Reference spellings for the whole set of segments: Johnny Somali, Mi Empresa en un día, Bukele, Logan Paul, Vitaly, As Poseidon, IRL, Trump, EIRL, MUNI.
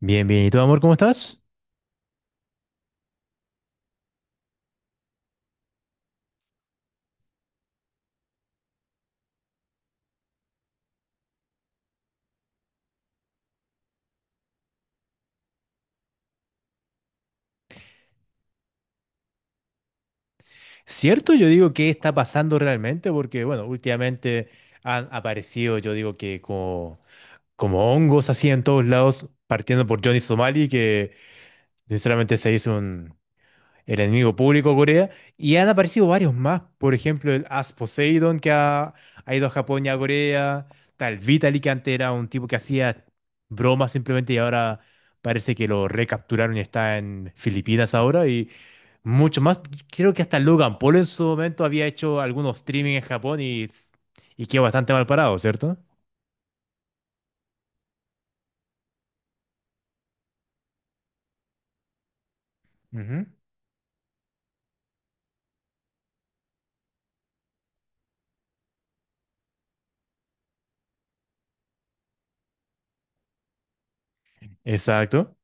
Bien, bien. ¿Y tú, amor, cómo estás? Cierto, yo digo qué está pasando realmente, porque bueno, últimamente han aparecido, yo digo que como hongos así en todos lados, partiendo por Johnny Somali, que sinceramente se hizo el enemigo público de Corea, y han aparecido varios más, por ejemplo el As Poseidon que ha ido a Japón y a Corea, tal Vitaly que antes era un tipo que hacía bromas simplemente y ahora parece que lo recapturaron y está en Filipinas ahora y mucho más, creo que hasta Logan Paul en su momento había hecho algunos streaming en Japón y quedó bastante mal parado, ¿cierto? Ujú. Exacto.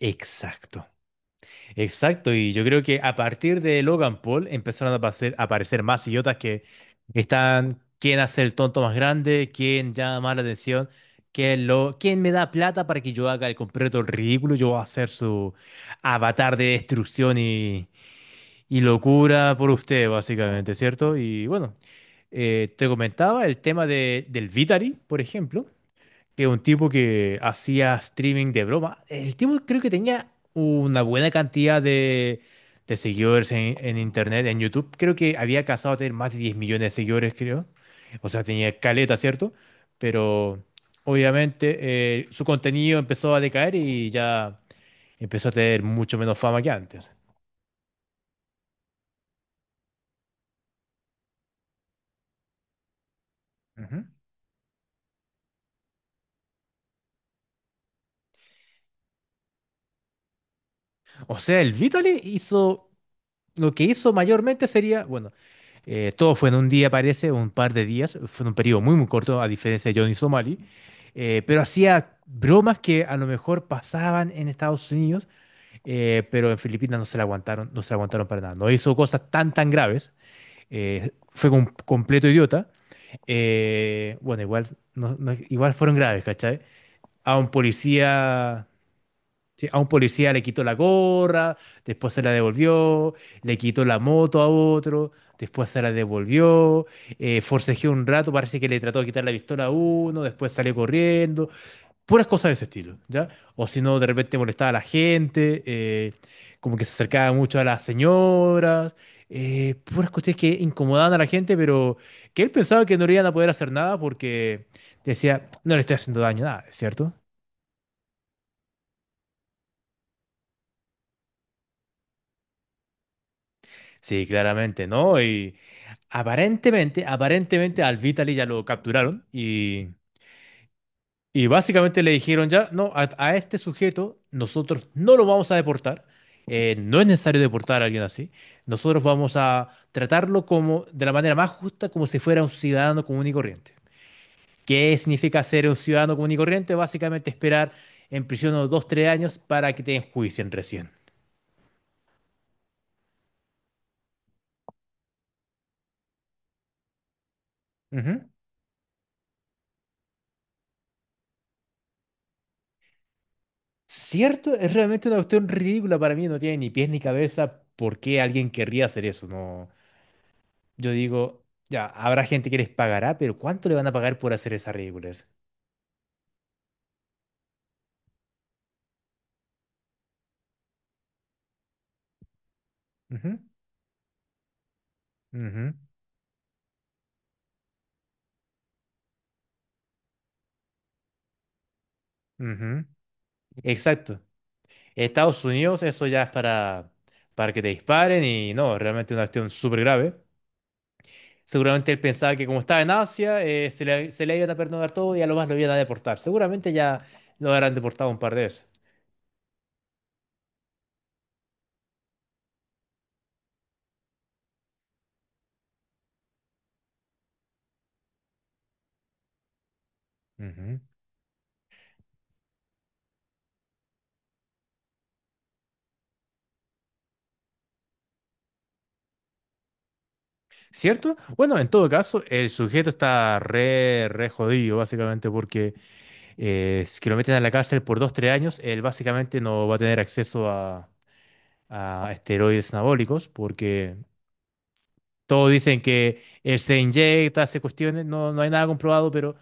Exacto. Exacto, y yo creo que a partir de Logan Paul empezaron a aparecer más idiotas que están, quién hace el tonto más grande, quién llama más la atención, quién me da plata para que yo haga el ridículo, yo voy a hacer su avatar de destrucción y locura por usted, básicamente, ¿cierto? Y bueno, te comentaba el tema del Vitari, por ejemplo que un tipo que hacía streaming de broma. El tipo creo que tenía una buena cantidad de seguidores en internet, en YouTube. Creo que había casado a tener más de 10 millones de seguidores, creo. O sea, tenía caleta, ¿cierto? Pero obviamente su contenido empezó a decaer y ya empezó a tener mucho menos fama que antes. Ujú. O sea, el Vitaly hizo lo que hizo mayormente sería, bueno, todo fue en un día, parece, un par de días, fue en un periodo muy, muy corto, a diferencia de Johnny Somali, pero hacía bromas que a lo mejor pasaban en Estados Unidos, pero en Filipinas no se la aguantaron, no se la aguantaron para nada. No hizo cosas tan, tan graves, fue un completo idiota. Bueno, igual, igual fueron graves, ¿cachai? A un policía Sí, a un policía le quitó la gorra, después se la devolvió, le quitó la moto a otro, después se la devolvió, forcejeó un rato, parece que le trató de quitar la pistola a uno, después salió corriendo, puras cosas de ese estilo, ¿ya? O si no, de repente molestaba a la gente, como que se acercaba mucho a las señoras, puras cuestiones que incomodaban a la gente, pero que él pensaba que no le iban a poder hacer nada porque decía, no le estoy haciendo daño, nada, ¿cierto? Sí, claramente, ¿no? Y aparentemente al Vitaly ya lo capturaron y básicamente le dijeron ya, no, a este sujeto nosotros no lo vamos a deportar, no es necesario deportar a alguien así, nosotros vamos a tratarlo como de la manera más justa, como si fuera un ciudadano común y corriente. ¿Qué significa ser un ciudadano común y corriente? Básicamente esperar en prisión unos 2, 3 años para que te enjuicien recién. Ujú. ¿Cierto? Es realmente una cuestión ridícula para mí, no tiene ni pies ni cabeza. ¿Por qué alguien querría hacer eso? No, yo digo, ya, habrá gente que les pagará, pero ¿cuánto le van a pagar por hacer esa ridiculez? Ujú, ujú, ujú. Exacto. Estados Unidos, eso ya es para, que te disparen y no, realmente una cuestión súper grave. Seguramente él pensaba que como estaba en Asia, se le iban a perdonar todo y a lo más lo iban a deportar. Seguramente ya lo habrán deportado un par de veces. ¿Cierto? Bueno, en todo caso, el sujeto está re, re jodido, básicamente, porque si lo meten a la cárcel por 2, 3 años, él básicamente no va a tener acceso a esteroides anabólicos, porque todos dicen que él se inyecta, hace cuestiones, no, no hay nada comprobado, pero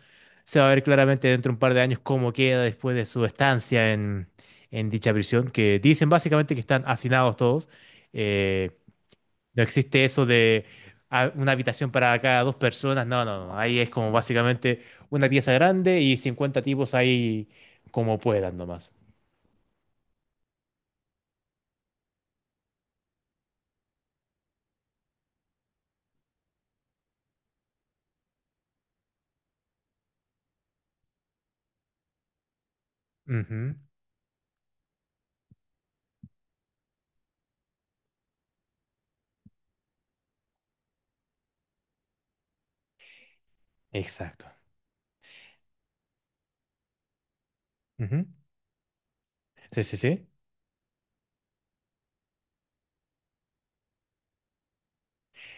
se va a ver claramente dentro de un par de años cómo queda después de su estancia en dicha prisión, que dicen básicamente que están hacinados todos. Eh, no existe eso de una habitación para cada dos personas. No, no, no. Ahí es como básicamente una pieza grande y 50 tipos ahí como puedan nomás. Ujú, Exacto. Ujú, Sí, sí, sí.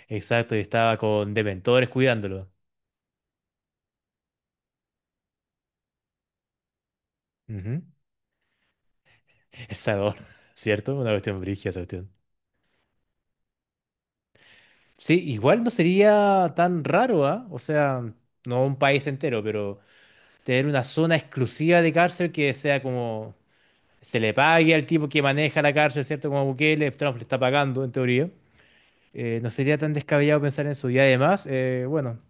Exacto. Y estaba con dementores cuidándolo. Ujú. El Sador, ¿cierto? Una cuestión brígida, esa cuestión. Sí, igual no sería tan raro, ¿ah? O sea, no un país entero, pero tener una zona exclusiva de cárcel que sea como se le pague al tipo que maneja la cárcel, ¿cierto? Como Bukele, Trump le está pagando, en teoría. No sería tan descabellado pensar en eso. Y además, bueno,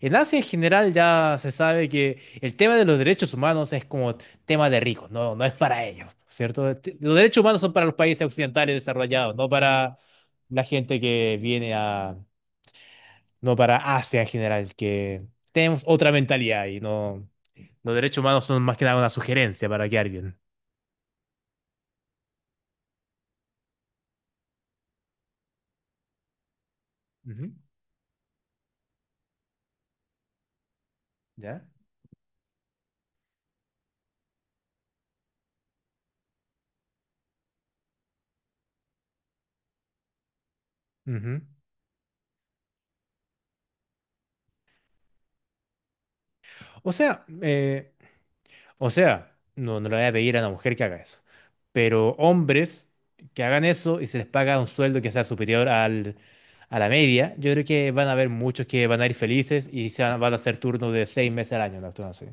en Asia en general ya se sabe que el tema de los derechos humanos es como tema de ricos, no, no es para ellos, ¿cierto? Los derechos humanos son para los países occidentales desarrollados, no para la gente que viene a, no para Asia en general, que tenemos otra mentalidad y no, los derechos humanos son más que nada una sugerencia para quedar bien. Ujú, ¿Ya? O sea, no, no le voy a pedir a una mujer que haga eso. Pero hombres que hagan eso y se les paga un sueldo que sea superior a la media, yo creo que van a haber muchos que van a ir felices y se van a hacer turnos de 6 meses al año, una cuestión así.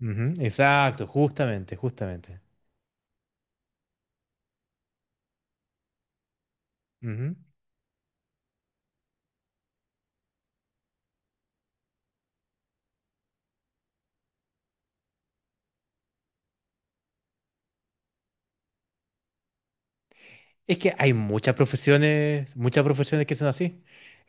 Ujú, exacto, justamente, justamente. Es que hay muchas profesiones que son así.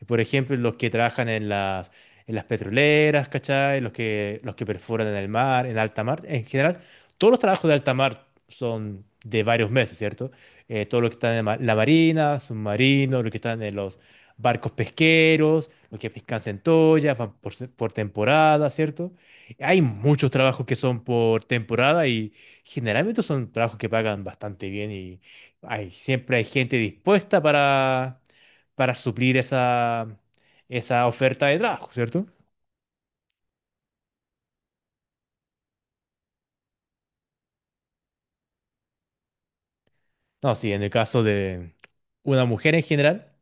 Por ejemplo, los que trabajan en las petroleras, ¿cachai? Los que perforan en el mar, en alta mar. En general, todos los trabajos de alta mar son de varios meses, ¿cierto? Todos los que están en la marina, submarinos, los que están en los barcos pesqueros, los que pescan centollas, van por temporada, ¿cierto? Hay muchos trabajos que son por temporada y generalmente son trabajos que pagan bastante bien siempre hay gente dispuesta para, suplir esa oferta de trabajo, ¿cierto? No, sí, en el caso de una mujer en general,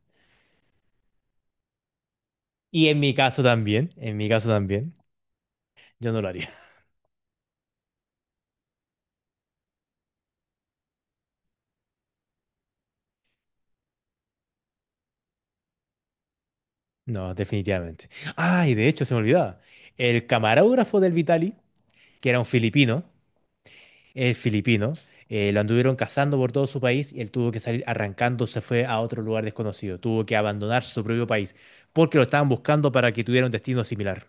y en mi caso también, en mi caso también, yo no lo haría. No, definitivamente. Ay, de hecho, se me olvidaba. El camarógrafo del Vitali, que era un filipino, el filipino, lo anduvieron cazando por todo su país y él tuvo que salir arrancando, se fue a otro lugar desconocido, tuvo que abandonar su propio país porque lo estaban buscando para que tuviera un destino similar.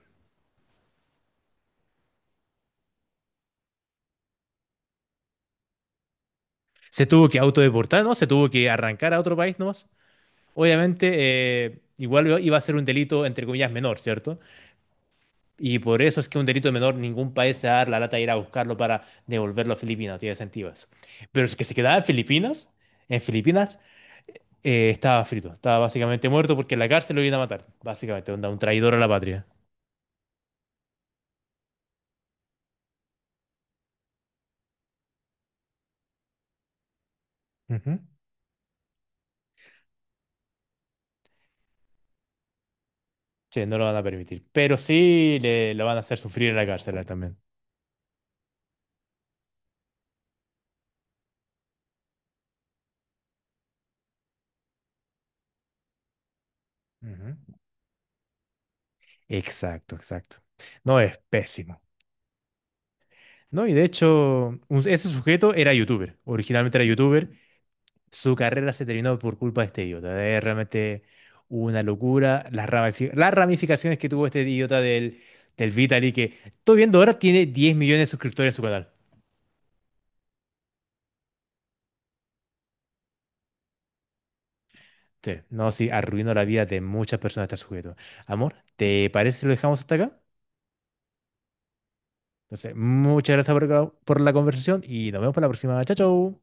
Se tuvo que autodeportar, ¿no? Se tuvo que arrancar a otro país nomás. Obviamente, igual iba a ser un delito, entre comillas, menor, ¿cierto? Y por eso es que un delito menor, ningún país se va a dar la lata de ir a buscarlo para devolverlo a Filipinas, no tiene sentido eso. Pero es que se quedaba en Filipinas, estaba frito, estaba básicamente muerto porque en la cárcel lo iban a matar, básicamente, onda, un traidor a la patria. Ujú. Sí, no lo van a permitir, pero sí lo van a hacer sufrir en la cárcel a él también. Ujú. Exacto, exacto. No es pésimo. No, y de hecho, ese sujeto era youtuber, originalmente era youtuber, su carrera se terminó por culpa de este idiota, es realmente una locura, las ramificaciones que tuvo este idiota del Vitaly, que estoy viendo ahora tiene 10 millones de suscriptores en su canal. Sí, no, sí, arruinó la vida de muchas personas este sujeto. Amor, ¿te parece si lo dejamos hasta acá? Entonces, muchas gracias por, la conversación y nos vemos para la próxima. Chao, chao.